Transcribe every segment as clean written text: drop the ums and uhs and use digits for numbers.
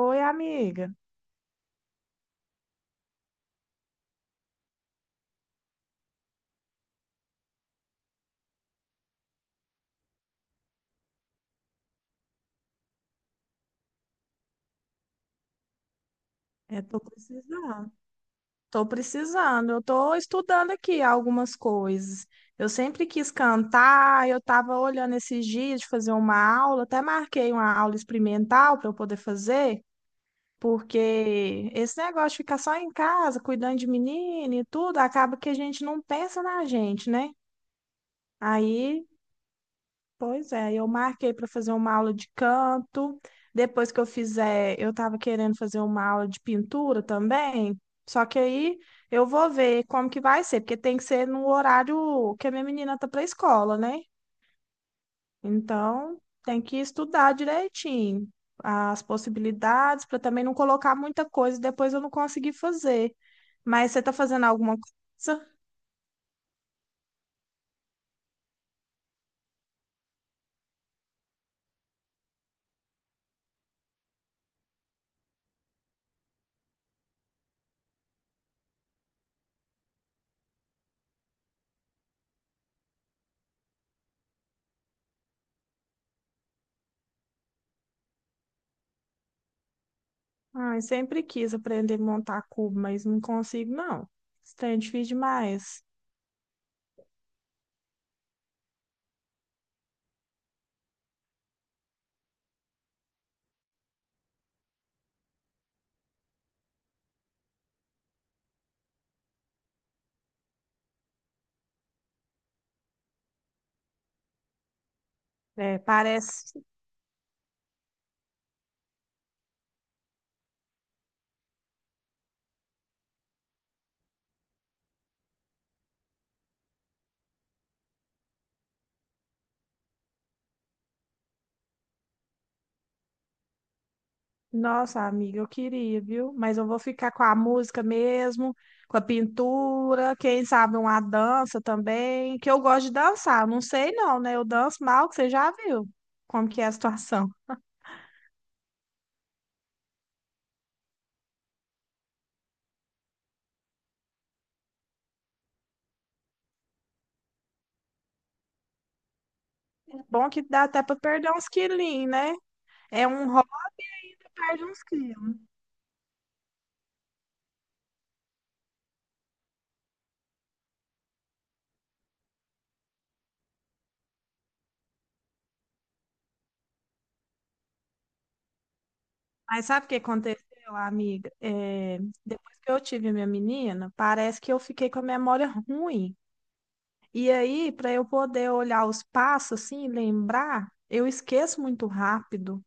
Oi, amiga. Eu tô precisando. Tô precisando. Eu tô estudando aqui algumas coisas. Eu sempre quis cantar, eu tava olhando esses dias de fazer uma aula, até marquei uma aula experimental para eu poder fazer, porque esse negócio de ficar só em casa, cuidando de menino e tudo, acaba que a gente não pensa na gente, né? Aí. Pois é, eu marquei para fazer uma aula de canto. Depois que eu fizer, eu estava querendo fazer uma aula de pintura também. Só que aí eu vou ver como que vai ser, porque tem que ser no horário que a minha menina tá para a escola, né? Então, tem que estudar direitinho as possibilidades para também não colocar muita coisa e depois eu não conseguir fazer. Mas você tá fazendo alguma coisa? Ai, sempre quis aprender a montar cubo, mas não consigo, não. Isso é difícil demais. É, parece. Nossa, amiga, eu queria, viu? Mas eu vou ficar com a música mesmo, com a pintura, quem sabe uma dança também, que eu gosto de dançar. Não sei não, né? Eu danço mal, que você já viu como que é a situação. Bom que dá até para perder uns quilinhos, né? É um hobby que perde uns quilos. Mas sabe o que aconteceu, amiga? É, depois que eu tive minha menina, parece que eu fiquei com a memória ruim. E aí, para eu poder olhar os passos assim, lembrar, eu esqueço muito rápido.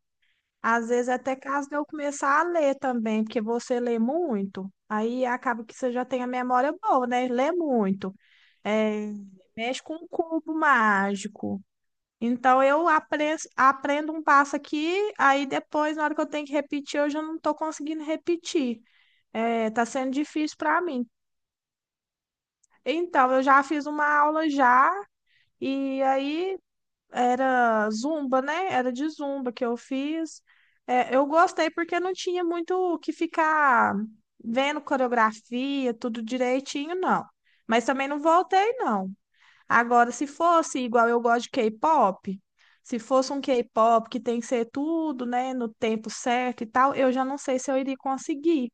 Às vezes, até caso de eu começar a ler também, porque você lê muito, aí acaba que você já tem a memória boa, né? Lê muito. É, mexe com um cubo mágico. Então, aprendo um passo aqui, aí depois, na hora que eu tenho que repetir, eu já não estou conseguindo repetir. É, tá sendo difícil para mim. Então, eu já fiz uma aula já. E aí, era zumba, né? Era de zumba que eu fiz. É, eu gostei porque não tinha muito o que ficar vendo coreografia, tudo direitinho, não. Mas também não voltei, não. Agora, se fosse igual eu gosto de K-pop, se fosse um K-pop que tem que ser tudo, né, no tempo certo e tal, eu já não sei se eu iria conseguir.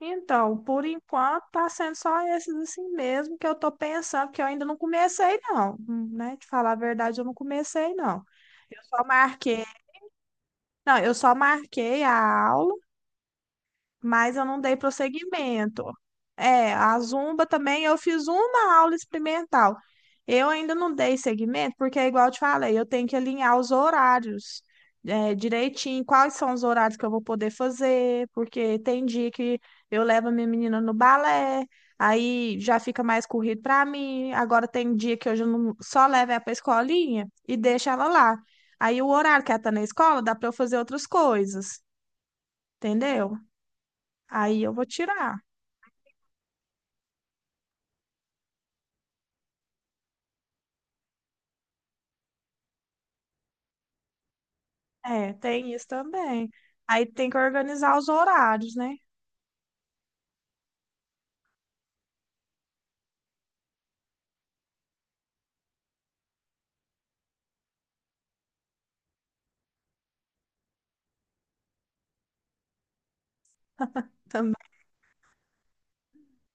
Então, por enquanto, tá sendo só esses assim mesmo que eu tô pensando, que eu ainda não comecei, não, né? Te falar a verdade, eu não comecei, não. Eu só marquei, não, eu só marquei a aula, mas eu não dei prosseguimento. É, a Zumba também eu fiz uma aula experimental. Eu ainda não dei seguimento, porque é igual eu te falei, eu tenho que alinhar os horários, é, direitinho, quais são os horários que eu vou poder fazer, porque tem dia que eu levo a minha menina no balé, aí já fica mais corrido para mim. Agora tem dia que eu já não- só levo ela para escolinha e deixo ela lá. Aí o horário que ela tá na escola dá para eu fazer outras coisas, entendeu? Aí eu vou tirar. É, tem isso também. Aí tem que organizar os horários, né? Também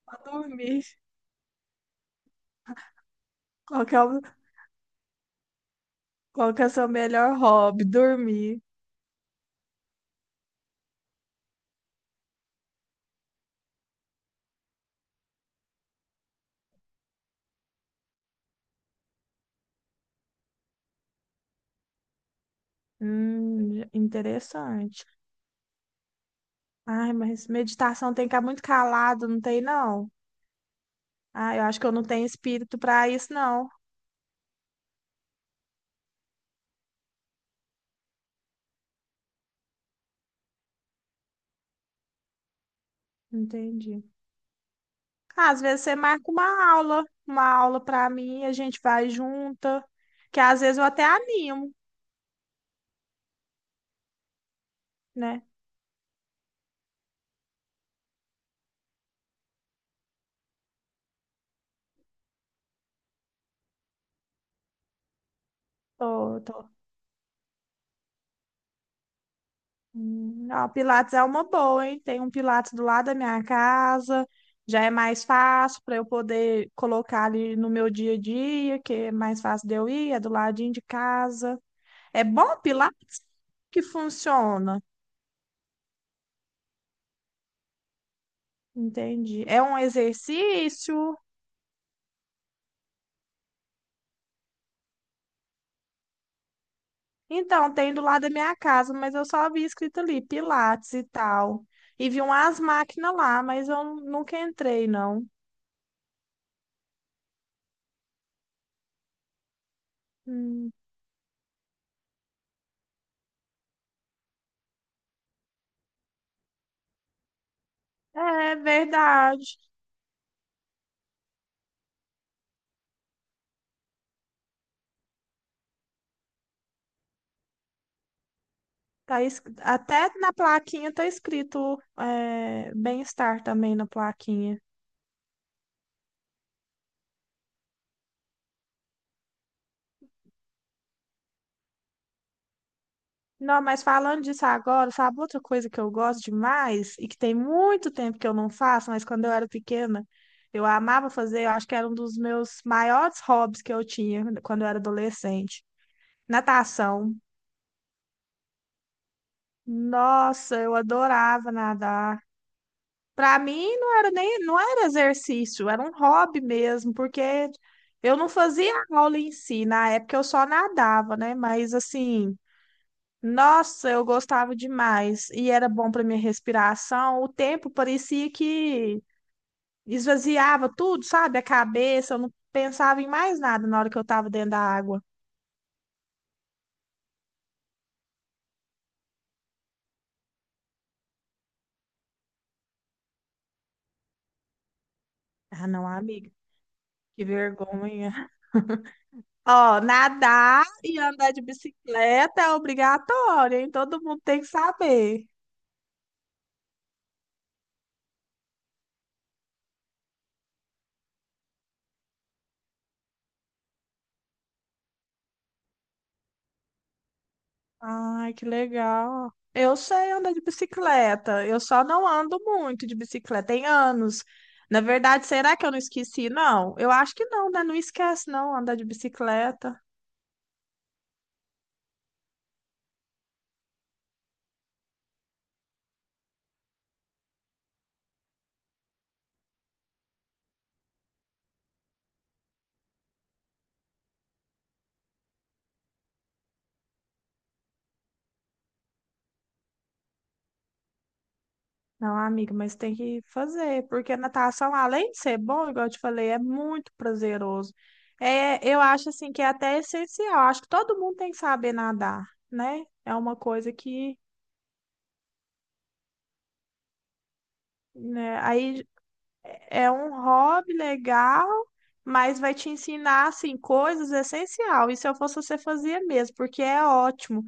pra dormir. Qual que é o, qual que é o seu melhor hobby? Dormir. Interessante. Ai, mas meditação tem que ficar muito calado, não tem, não? Ah, eu acho que eu não tenho espírito para isso, não. Entendi. Ah, às vezes você marca uma aula para mim, a gente vai junta, que às vezes eu até animo, né? Tô, tô. Ó, Pilates é uma boa, hein? Tem um Pilates do lado da minha casa, já é mais fácil para eu poder colocar ali no meu dia a dia, que é mais fácil de eu ir, é do ladinho de casa. É bom Pilates que funciona, entendi. É um exercício. Então, tem do lado da minha casa, mas eu só vi escrito ali Pilates e tal. E vi umas máquinas lá, mas eu nunca entrei, não. Hum, é verdade. Até na plaquinha tá escrito é, bem-estar também na plaquinha. Não, mas falando disso agora, sabe outra coisa que eu gosto demais e que tem muito tempo que eu não faço, mas quando eu era pequena, eu amava fazer, eu acho que era um dos meus maiores hobbies que eu tinha quando eu era adolescente. Natação. Nossa, eu adorava nadar. Para mim não era nem, não era exercício, era um hobby mesmo, porque eu não fazia aula em si, na época eu só nadava, né? Mas assim, nossa, eu gostava demais e era bom para minha respiração. O tempo parecia que esvaziava tudo, sabe? A cabeça, eu não pensava em mais nada na hora que eu estava dentro da água. Ah, não, amiga, que vergonha. Ó, nadar e andar de bicicleta é obrigatório, hein? Todo mundo tem que saber. Ai, que legal. Eu sei andar de bicicleta, eu só não ando muito de bicicleta, tem anos. Na verdade, será que eu não esqueci? Não, eu acho que não, né? Não esquece, não, andar de bicicleta. Não, amiga, mas tem que fazer, porque a natação, além de ser bom, igual eu te falei, é muito prazeroso. É, eu acho, assim, que é até essencial. Acho que todo mundo tem que saber nadar, né? É uma coisa que, né? Aí é um hobby legal, mas vai te ensinar assim coisas essencial. E se eu fosse você fazia mesmo, porque é ótimo.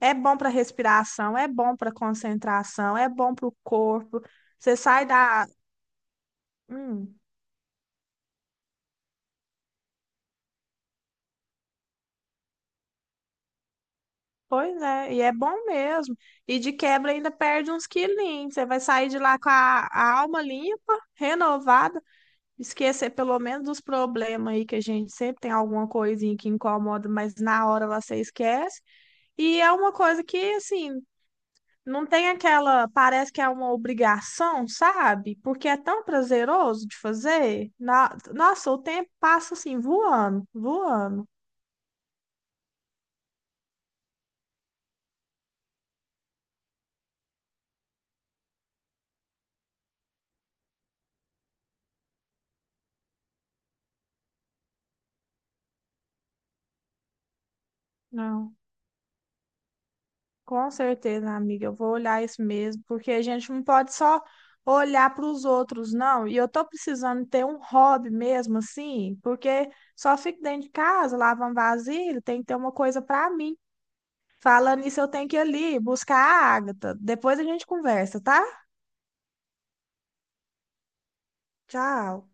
É bom para respiração, é bom para concentração, é bom para o corpo. Você sai da Hum, pois é, e é bom mesmo. E de quebra ainda perde uns quilinhos. Você vai sair de lá com a alma limpa, renovada, esquecer pelo menos dos problemas aí que a gente sempre tem alguma coisinha que incomoda, mas na hora lá você esquece. E é uma coisa que, assim, não tem aquela. Parece que é uma obrigação, sabe? Porque é tão prazeroso de fazer. Nossa, o tempo passa assim, voando, voando. Não, com certeza, amiga. Eu vou olhar isso mesmo, porque a gente não pode só olhar para os outros, não. E eu tô precisando ter um hobby mesmo, assim, porque só fico dentro de casa, lavando vasilha, tem que ter uma coisa para mim. Falando isso eu tenho que ir ali buscar a Agatha. Depois a gente conversa, tá? Tchau.